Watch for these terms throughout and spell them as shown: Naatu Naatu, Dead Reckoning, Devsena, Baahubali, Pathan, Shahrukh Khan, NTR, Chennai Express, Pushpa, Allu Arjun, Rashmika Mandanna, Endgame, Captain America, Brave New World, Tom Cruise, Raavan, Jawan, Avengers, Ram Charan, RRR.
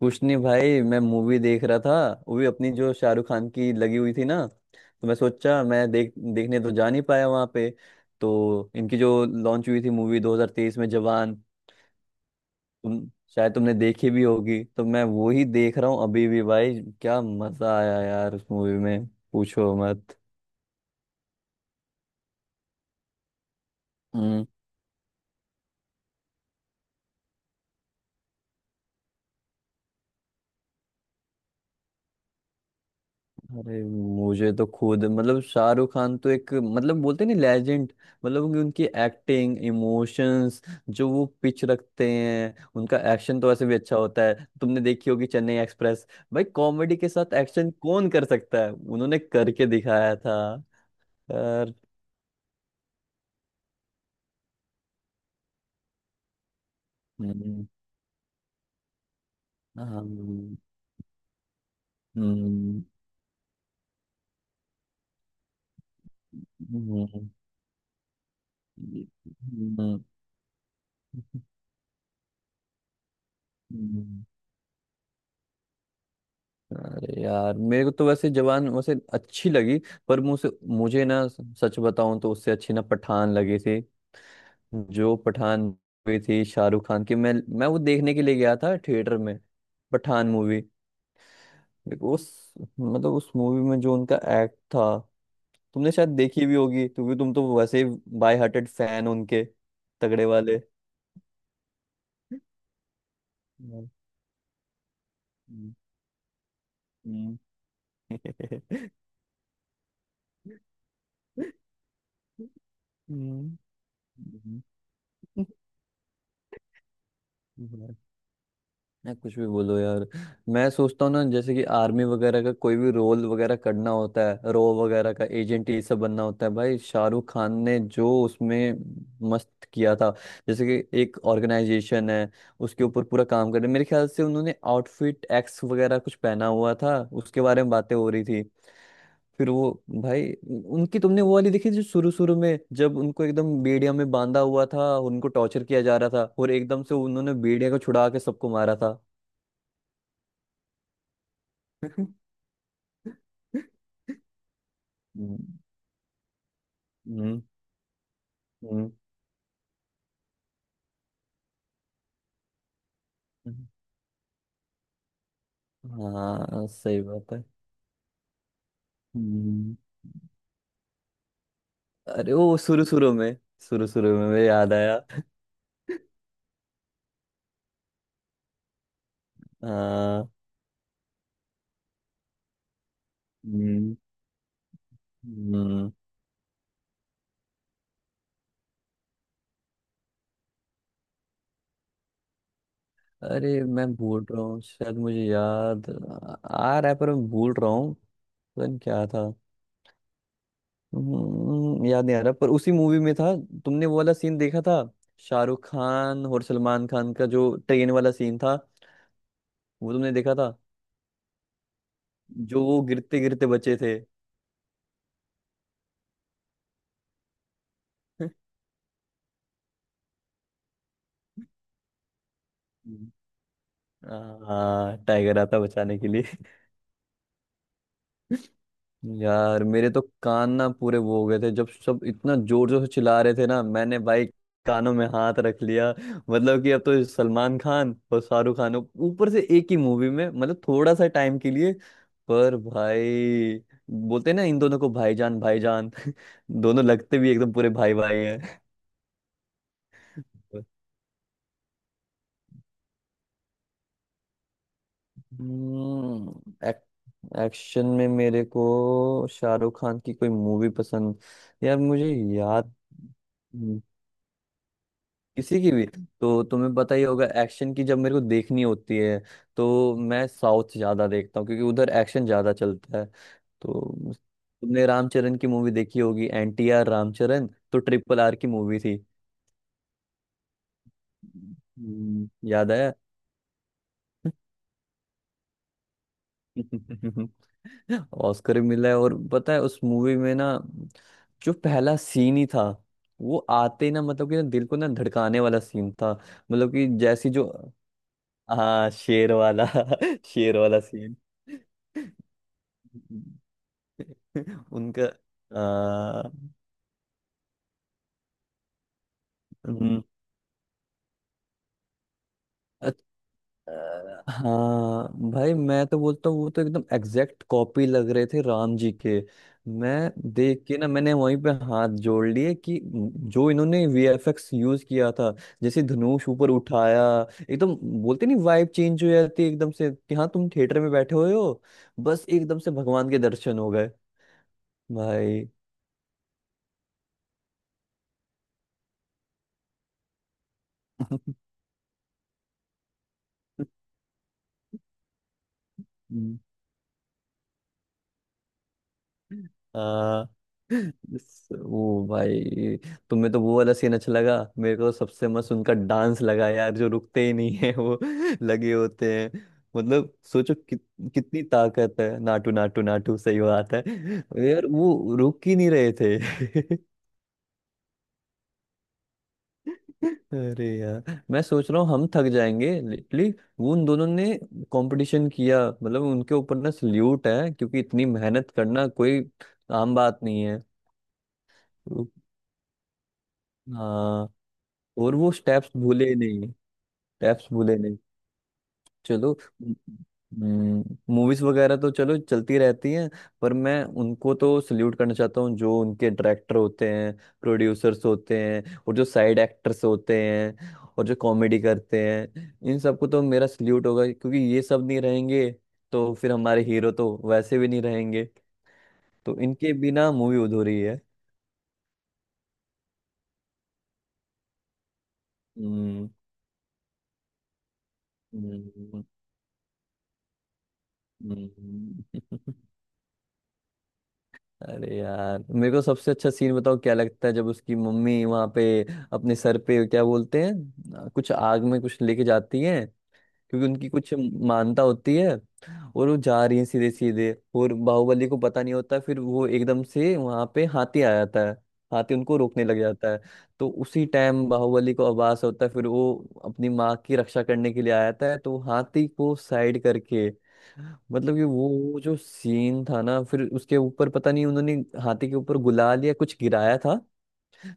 कुछ नहीं भाई, मैं मूवी देख रहा था। वो भी अपनी जो शाहरुख खान की लगी हुई थी ना, तो मैं सोचा, मैं देखने तो जा नहीं पाया वहां पे। तो इनकी जो लॉन्च हुई थी मूवी 2023 में, जवान। तुम शायद तुमने देखी भी होगी, तो मैं वो ही देख रहा हूँ अभी भी। भाई क्या मजा आया यार उस मूवी में, पूछो मत। अरे मुझे तो खुद मतलब शाहरुख खान तो एक, मतलब बोलते नहीं लेजेंड। मतलब उनकी उनकी एक्टिंग, इमोशंस जो वो पिच रखते हैं, उनका एक्शन तो वैसे भी अच्छा होता है। तुमने देखी होगी चेन्नई एक्सप्रेस। भाई कॉमेडी के साथ एक्शन कौन कर सकता है, उन्होंने करके दिखाया था। और हम्म, हाँ, हम्म, हम्म, हम्म, हम्म। अरे यार मेरे को तो वैसे जवान वैसे अच्छी लगी। पर मुझे मुझे ना सच बताऊं तो उससे अच्छी ना पठान लगी थी। जो पठान मूवी थी शाहरुख खान की, मैं वो देखने के लिए गया था थिएटर में। पठान मूवी। उस मतलब उस मूवी में जो उनका एक्ट था। तुमने शायद देखी भी होगी क्योंकि तुम तो वैसे ही बाय हार्टेड फैन उनके, तगड़े वाले। हम्म, हम्म, हम्म। हम्म, हम्म, हम्म। ना कुछ भी बोलो यार। मैं सोचता हूँ ना, जैसे कि आर्मी वगैरह का कोई भी रोल वगैरह करना होता है, रो वगैरह का एजेंट, ये सब बनना होता है, भाई शाहरुख खान ने जो उसमें मस्त किया था। जैसे कि एक ऑर्गेनाइजेशन है, उसके ऊपर पूरा काम कर रहे हैं। मेरे ख्याल से उन्होंने आउटफिट एक्स वगैरह कुछ पहना हुआ था, उसके बारे में बातें हो रही थी। फिर वो भाई, उनकी तुमने वो वाली देखी जो शुरू शुरू में जब उनको एकदम बेड़िया में बांधा हुआ था, उनको टॉर्चर किया जा रहा था, और एकदम से उन्होंने बेड़िया को छुड़ा के सबको मारा था। हम्म, हम्म, हम्म, हाँ सही बात है, हम्म। अरे वो शुरू शुरू में मुझे याद आया। हाँ, हम्म, हम्म। अरे मैं भूल रहा हूँ, शायद मुझे याद आ रहा है पर मैं भूल रहा हूँ, पता नहीं क्या था। याद नहीं आ रहा पर उसी मूवी में था। तुमने वो वाला सीन देखा था शाहरुख खान और सलमान खान का, जो ट्रेन वाला सीन था, वो तुमने देखा था, जो वो गिरते गिरते बचे थे। हाँ टाइगर आता बचाने के लिए। यार मेरे तो कान ना पूरे वो हो गए थे जब सब इतना जोर जोर से चिल्ला रहे थे ना, मैंने भाई कानों में हाथ रख लिया। मतलब कि अब तो सलमान खान और शाहरुख खान ऊपर से एक ही मूवी में, मतलब थोड़ा सा टाइम के लिए, पर भाई बोलते हैं ना इन दोनों को भाईजान भाईजान। दोनों लगते भी एकदम पूरे भाई भाई हैं। एक्शन में मेरे को शाहरुख खान की कोई मूवी पसंद। यार मुझे याद, हम्म, किसी की भी। तो तुम्हें पता ही होगा, एक्शन की जब मेरे को देखनी होती है तो मैं साउथ ज्यादा देखता हूँ क्योंकि उधर एक्शन ज्यादा चलता है। तो तुमने रामचरण की मूवी देखी होगी, NTR रामचरण, तो RRR की मूवी थी। याद आया। ऑस्कर भी मिला है। और पता है उस मूवी में ना, जो पहला सीन ही था, वो आते ही ना मतलब कि ना दिल को ना धड़काने वाला सीन था। मतलब कि जैसी जो, हाँ शेर वाला, शेर वाला सीन। उनका आ, हम्म, हाँ भाई मैं तो बोलता हूँ वो तो एकदम एग्जैक्ट कॉपी लग रहे थे राम जी के। मैं देख के ना मैंने वहीं पे हाथ जोड़ लिए कि जो इन्होंने वीएफएक्स यूज किया था, जैसे धनुष ऊपर उठाया एकदम, बोलते नहीं वाइब चेंज हो जाती है एकदम से कि हाँ तुम थिएटर में बैठे हुए हो, बस एकदम से भगवान के दर्शन हो गए भाई। हाँ वो भाई, तुम्हें तो वो वाला सीन अच्छा लगा। मेरे को तो सबसे मस्त उनका डांस लगा यार, जो रुकते ही नहीं है वो लगे होते हैं। मतलब सोचो कि, कितनी ताकत है। नाटू नाटू नाटू सही बात है। यार वो रुक ही नहीं रहे थे। अरे यार मैं सोच रहा हूँ हम थक जाएंगे लिटली, वो उन दोनों ने कंपटीशन किया मतलब, उनके ऊपर ना सल्यूट है क्योंकि इतनी मेहनत करना कोई आम बात नहीं है। हाँ, और वो स्टेप्स भूले नहीं, स्टेप्स भूले नहीं। चलो, मूवीज वगैरह तो चलो चलती रहती हैं। पर मैं उनको तो सल्यूट करना चाहता हूँ जो उनके डायरेक्टर होते हैं, प्रोड्यूसर्स होते हैं, और जो साइड एक्टर्स होते हैं, और जो कॉमेडी करते हैं, इन सबको तो मेरा सल्यूट होगा। क्योंकि ये सब नहीं रहेंगे तो फिर हमारे हीरो तो वैसे भी नहीं रहेंगे, तो इनके बिना मूवी अधूरी है। हम्म, हम्म, हम्म। अरे यार मेरे को सबसे अच्छा सीन बताओ क्या लगता है, जब उसकी मम्मी वहां पे अपने सर पे क्या बोलते हैं, कुछ आग में कुछ लेके जाती है, क्योंकि उनकी कुछ मानता होती है, और वो जा रही है सीधे सीधे, और बाहुबली को पता नहीं होता, फिर वो एकदम से वहां पे हाथी आ जाता है, हाथी उनको रोकने लग जाता है, तो उसी टाइम बाहुबली को आभास होता है, फिर वो अपनी माँ की रक्षा करने के लिए आ जाता है, तो वो हाथी को साइड करके, मतलब कि वो जो सीन था ना, फिर उसके ऊपर पता नहीं उन्होंने हाथी के ऊपर गुलाल या कुछ गिराया था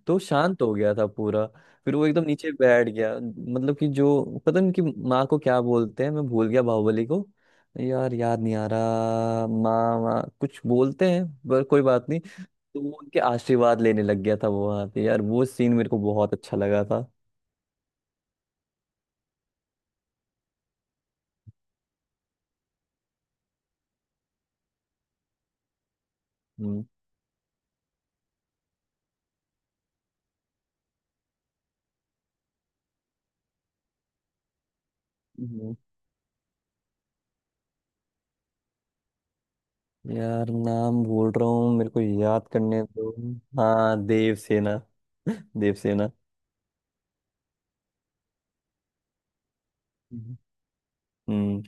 तो शांत हो गया था पूरा, फिर वो एकदम नीचे बैठ गया मतलब कि, जो पता नहीं कि माँ को क्या बोलते हैं, मैं भूल गया बाहुबली को। यार याद नहीं आ रहा, माँ माँ कुछ बोलते हैं पर कोई बात नहीं। तो वो उनके आशीर्वाद लेने लग गया था वो वहां पे, यार वो सीन मेरे को बहुत अच्छा लगा था। हम्म, हम्म। यार नाम भूल रहा हूँ, मेरे को याद करने दो। हाँ देवसेना। देवसेना। हम्म।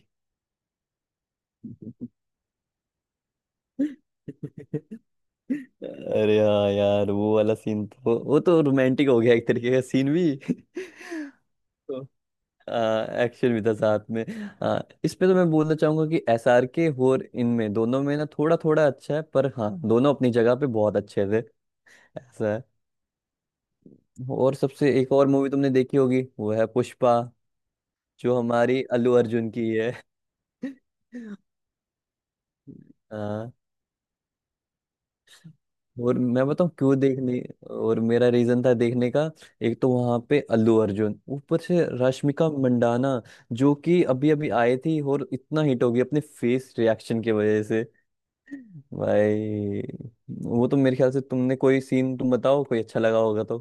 अरे हाँ यार वो वाला सीन तो, वो तो रोमांटिक हो गया एक तरीके का सीन भी। तो एक्शन भी था साथ में। आ, इसमें तो मैं बोलना चाहूंगा कि SRK और इनमें दोनों में ना थोड़ा थोड़ा अच्छा है, पर हाँ दोनों अपनी जगह पे बहुत अच्छे थे। ऐसा है। और सबसे एक और मूवी तुमने देखी होगी, वो है पुष्पा, जो हमारी अल्लू अर्जुन की है। और मैं बताऊं क्यों देखने, और मेरा रीजन था देखने का, एक तो वहां पे अल्लू अर्जुन, ऊपर से रश्मिका मंडाना, जो कि अभी अभी आई थी और इतना हिट हो गई अपने फेस रिएक्शन की वजह से। भाई वो तो मेरे ख्याल से, तुमने कोई सीन तुम बताओ कोई अच्छा लगा होगा तो।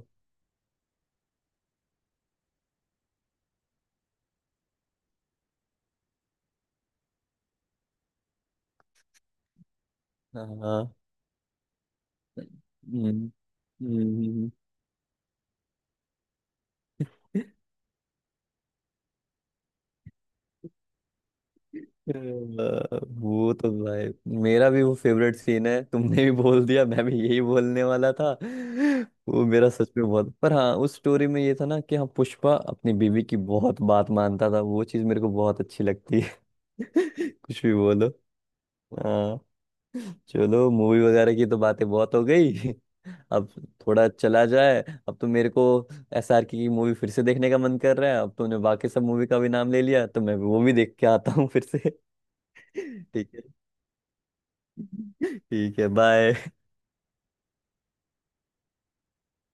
हाँ, हाँ, हम्म, हम्म, हम्म। अ, वो तो भाई मेरा भी वो फेवरेट सीन है, तुमने भी बोल दिया मैं भी यही बोलने वाला था। वो मेरा सच में बहुत, पर हाँ उस स्टोरी में ये था ना कि हाँ पुष्पा अपनी बीवी की बहुत बात मानता था, वो चीज मेरे को बहुत अच्छी लगती है। कुछ भी बोलो। हाँ चलो, मूवी वगैरह की तो बातें बहुत हो गई। अब थोड़ा चला जाए, अब तो मेरे को SR की मूवी फिर से देखने का मन कर रहा है। अब तुमने बाकी सब मूवी का भी नाम ले लिया तो मैं वो भी देख के आता हूँ फिर से। ठीक है, ठीक है बाय।